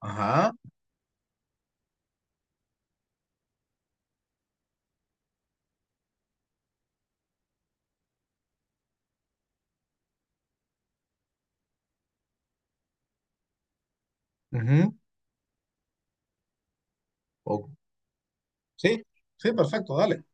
Ajá. Ujú. o- sí, sí, perfecto, dale.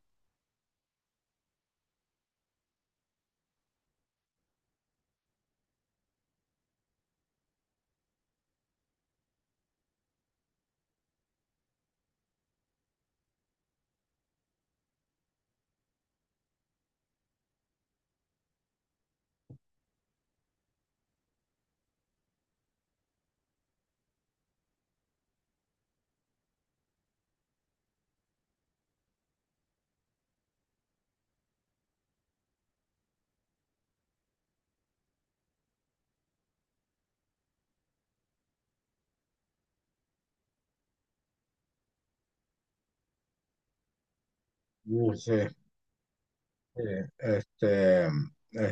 Sí, sí, este, es,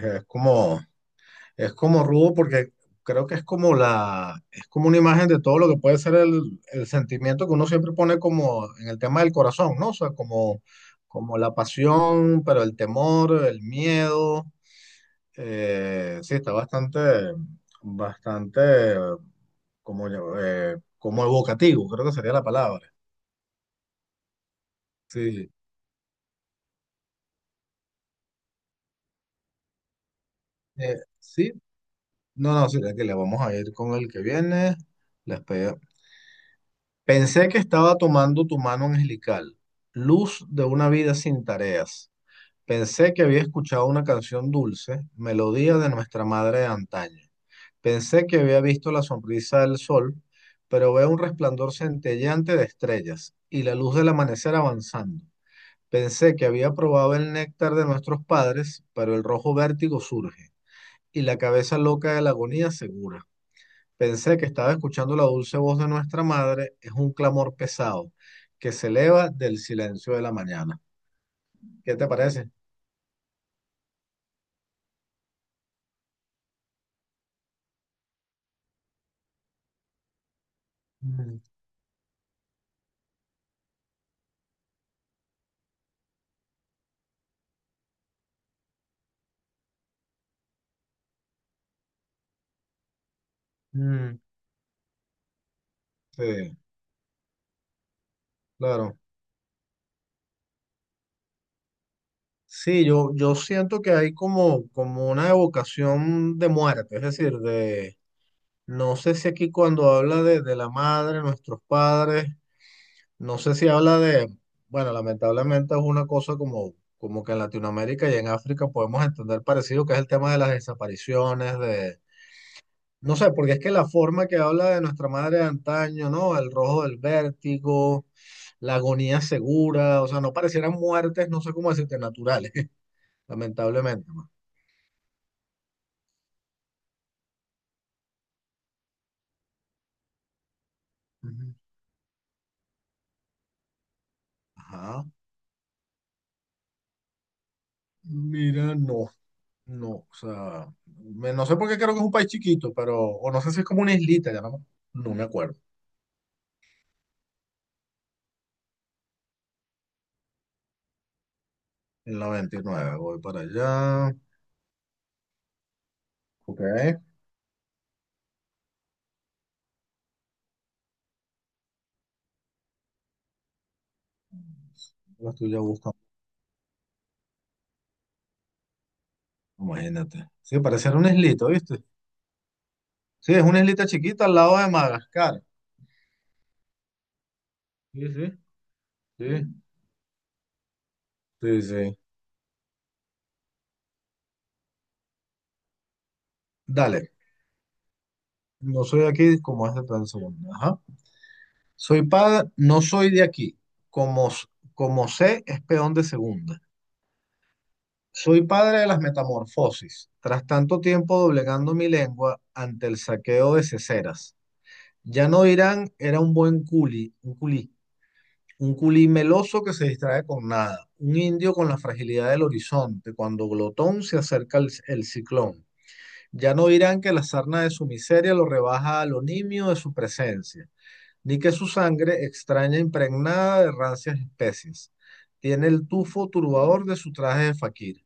es como, es como rudo porque creo que es como es como una imagen de todo lo que puede ser el sentimiento que uno siempre pone como en el tema del corazón, ¿no? O sea, como, como la pasión, pero el temor, el miedo. Sí, está bastante, bastante como, como evocativo, creo que sería la palabra. Sí, sí. No, no, Sí, que le vamos a ir con el que viene. La espe- Pensé que estaba tomando tu mano angelical, luz de una vida sin tareas. Pensé que había escuchado una canción dulce, melodía de nuestra madre de antaño. Pensé que había visto la sonrisa del sol, pero veo un resplandor centelleante de estrellas y la luz del amanecer avanzando. Pensé que había probado el néctar de nuestros padres, pero el rojo vértigo surge y la cabeza loca de la agonía segura. Pensé que estaba escuchando la dulce voz de nuestra madre, es un clamor pesado que se eleva del silencio de la mañana. ¿Qué te parece? Mm, mm. Sí, claro. Sí, yo siento que hay como, como una evocación de muerte, es decir, no sé si aquí cuando habla de la madre, nuestros padres, no sé si habla de, bueno, lamentablemente es una cosa como, como que en Latinoamérica y en África podemos entender parecido, que es el tema de las desapariciones, de... No sé, porque es que la forma que habla de nuestra madre de antaño, ¿no? El rojo del vértigo, la agonía segura, o sea, no parecieran muertes, no sé cómo decirte, naturales, lamentablemente, ¿no? Ujú. Ajá. Mira, no, no, o sea, no sé por qué creo que es un país chiquito, pero, o no sé si es como una islita, ya no, no me acuerdo. En la veintinueve voy para allá. Ok. Lo estoy ya buscando, imagínate. Sí, parece ser una islita, ¿viste? Sí, es una islita chiquita al lado de Madagascar. Sí, sí, sí, sí, sí. Dale, no soy de aquí, como es de plan segundo. Ajá. Soy padre, no soy de aquí, como, s- como sé, es peón de segunda. Soy padre de las metamorfosis, tras tanto tiempo doblegando mi lengua ante el saqueo de ceceras. Ya no dirán, era un buen un culí meloso que se distrae con nada, un indio con la fragilidad del horizonte, cuando glotón se acerca el ciclón. Ya no dirán que la sarna de su miseria lo rebaja al nimio de su presencia, ni que su sangre, extraña e impregnada de rancias especies, tiene el tufo turbador de su traje de faquir.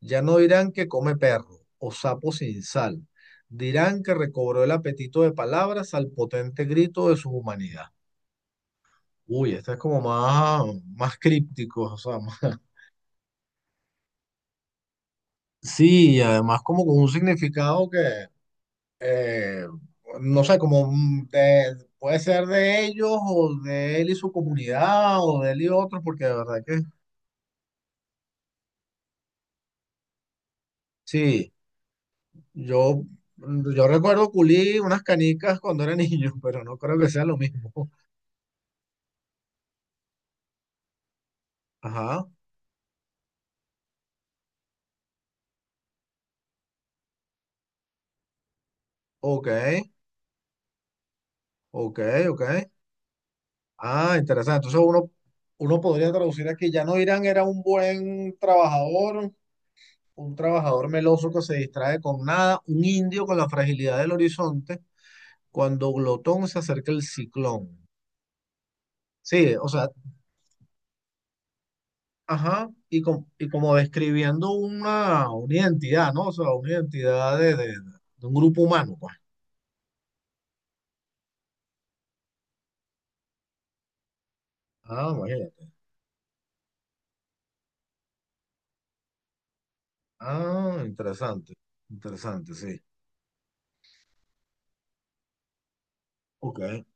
Ya no dirán que come perro o sapo sin sal, dirán que recobró el apetito de palabras al potente grito de su humanidad. Uy, este es como más, más críptico, o sea, sí, y además como con un significado que eh, no sé, puede ser de ellos o de él y su comunidad o de él y otros, porque de verdad que sí, yo, yo recuerdo culí unas canicas cuando era niño, pero no creo que sea lo mismo. Ajá, ok, ok, ok. Ah, interesante. Uno podría traducir aquí, ya no Irán era un buen trabajador, un trabajador meloso que se distrae con nada, un indio con la fragilidad del horizonte cuando Glotón se acerca el ciclón. Sí, o sea, ajá, y como describiendo una identidad, ¿no? O sea, una identidad de un grupo humano, pues. Ah, imagínate. Ah, interesante, interesante, sí. Ok.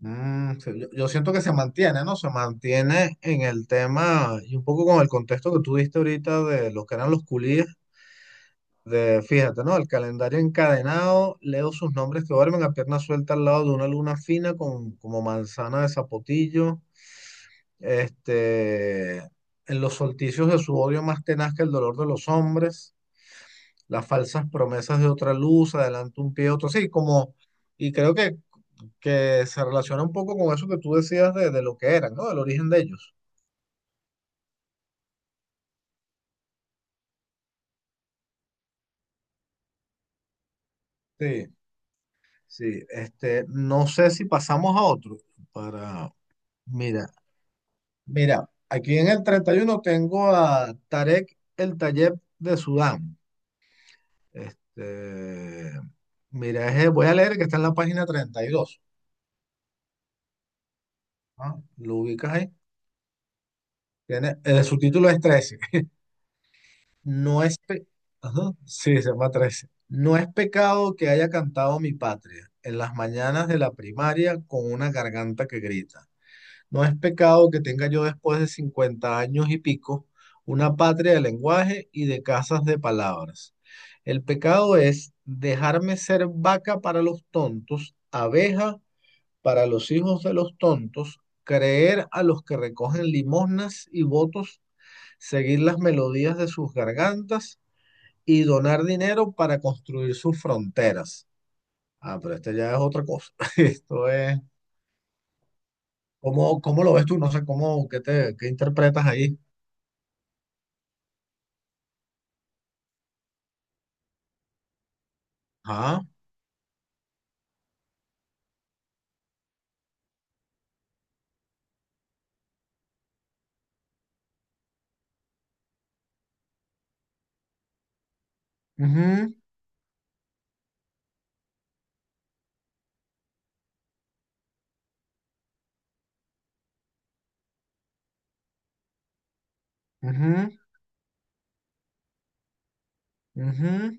Mm, sí, yo siento que se mantiene, ¿no? Se mantiene en el tema y un poco con el contexto que tú diste ahorita de lo que eran los culíes. De, fíjate, ¿no? El calendario encadenado, leo sus nombres que duermen a pierna suelta al lado de una luna fina como manzana de zapotillo, este, en los solticios de su odio más tenaz que el dolor de los hombres, las falsas promesas de otra luz, adelante un pie, otro, sí, como, y creo que se relaciona un poco con eso que tú decías de lo que eran, ¿no? Del origen de ellos. Sí, sí, este, no sé si pasamos a otro para, mira. Mira, aquí en el 31 tengo a Tarek El Tayeb de Sudán. Este, mira, voy a leer que está en la página 32. ¿Ah? Lo ubicas ahí. Tiene, su título es 13. No es pe- Ajá, sí, se llama 13. No es pecado que haya cantado mi patria en las mañanas de la primaria con una garganta que grita. No es pecado que tenga yo después de 50 años y pico una patria de lenguaje y de casas de palabras. El pecado es dejarme ser vaca para los tontos, abeja para los hijos de los tontos, creer a los que recogen limosnas y votos, seguir las melodías de sus gargantas y donar dinero para construir sus fronteras. Ah, pero este ya es otra cosa. Esto es... ¿Cómo, cómo lo ves tú? No sé cómo, ¿qué te, qué interpretas ahí? Ajá. Ujú, ujú, ujú.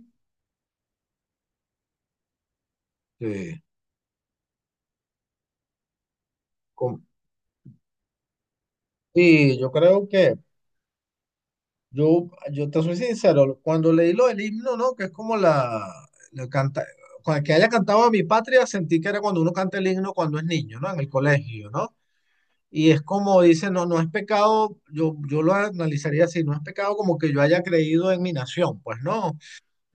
Sí, com- sí, yo creo que, yo te soy sincero, cuando leí lo del himno, ¿no? Que es como la canta, que haya cantado a mi patria, sentí que era cuando uno canta el himno cuando es niño, ¿no? En el colegio, ¿no? Y es como dice, no, no es pecado, yo lo analizaría así, no es pecado como que yo haya creído en mi nación, pues no.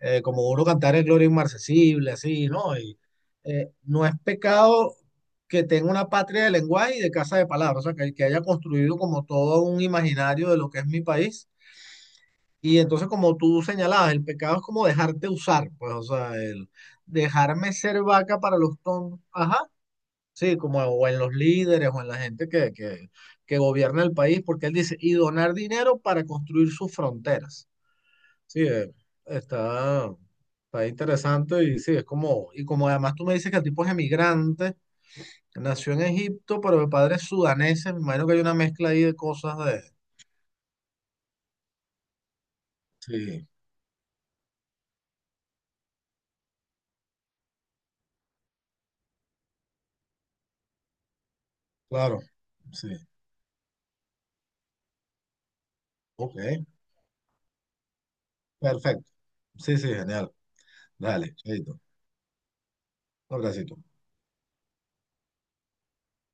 Como uno cantar el Gloria Inmarcesible, así, ¿no? Y no es pecado que tenga una patria de lenguaje y de casa de palabras, o sea, que haya construido como todo un imaginario de lo que es mi país. Y entonces, como tú señalabas, el pecado es como dejarte usar, pues, o sea, el dejarme ser vaca para los tontos, ajá, sí, como o en los líderes o en la gente que gobierna el país, porque él dice, y donar dinero para construir sus fronteras. Sí, está, está interesante y sí, es como, y como además tú me dices que el tipo es emigrante, nació en Egipto, pero de padres sudaneses, me imagino que hay una mezcla ahí de cosas de... Sí, claro, sí, ok, perfecto, sí, sí, genial, dale, chaito, un abracito.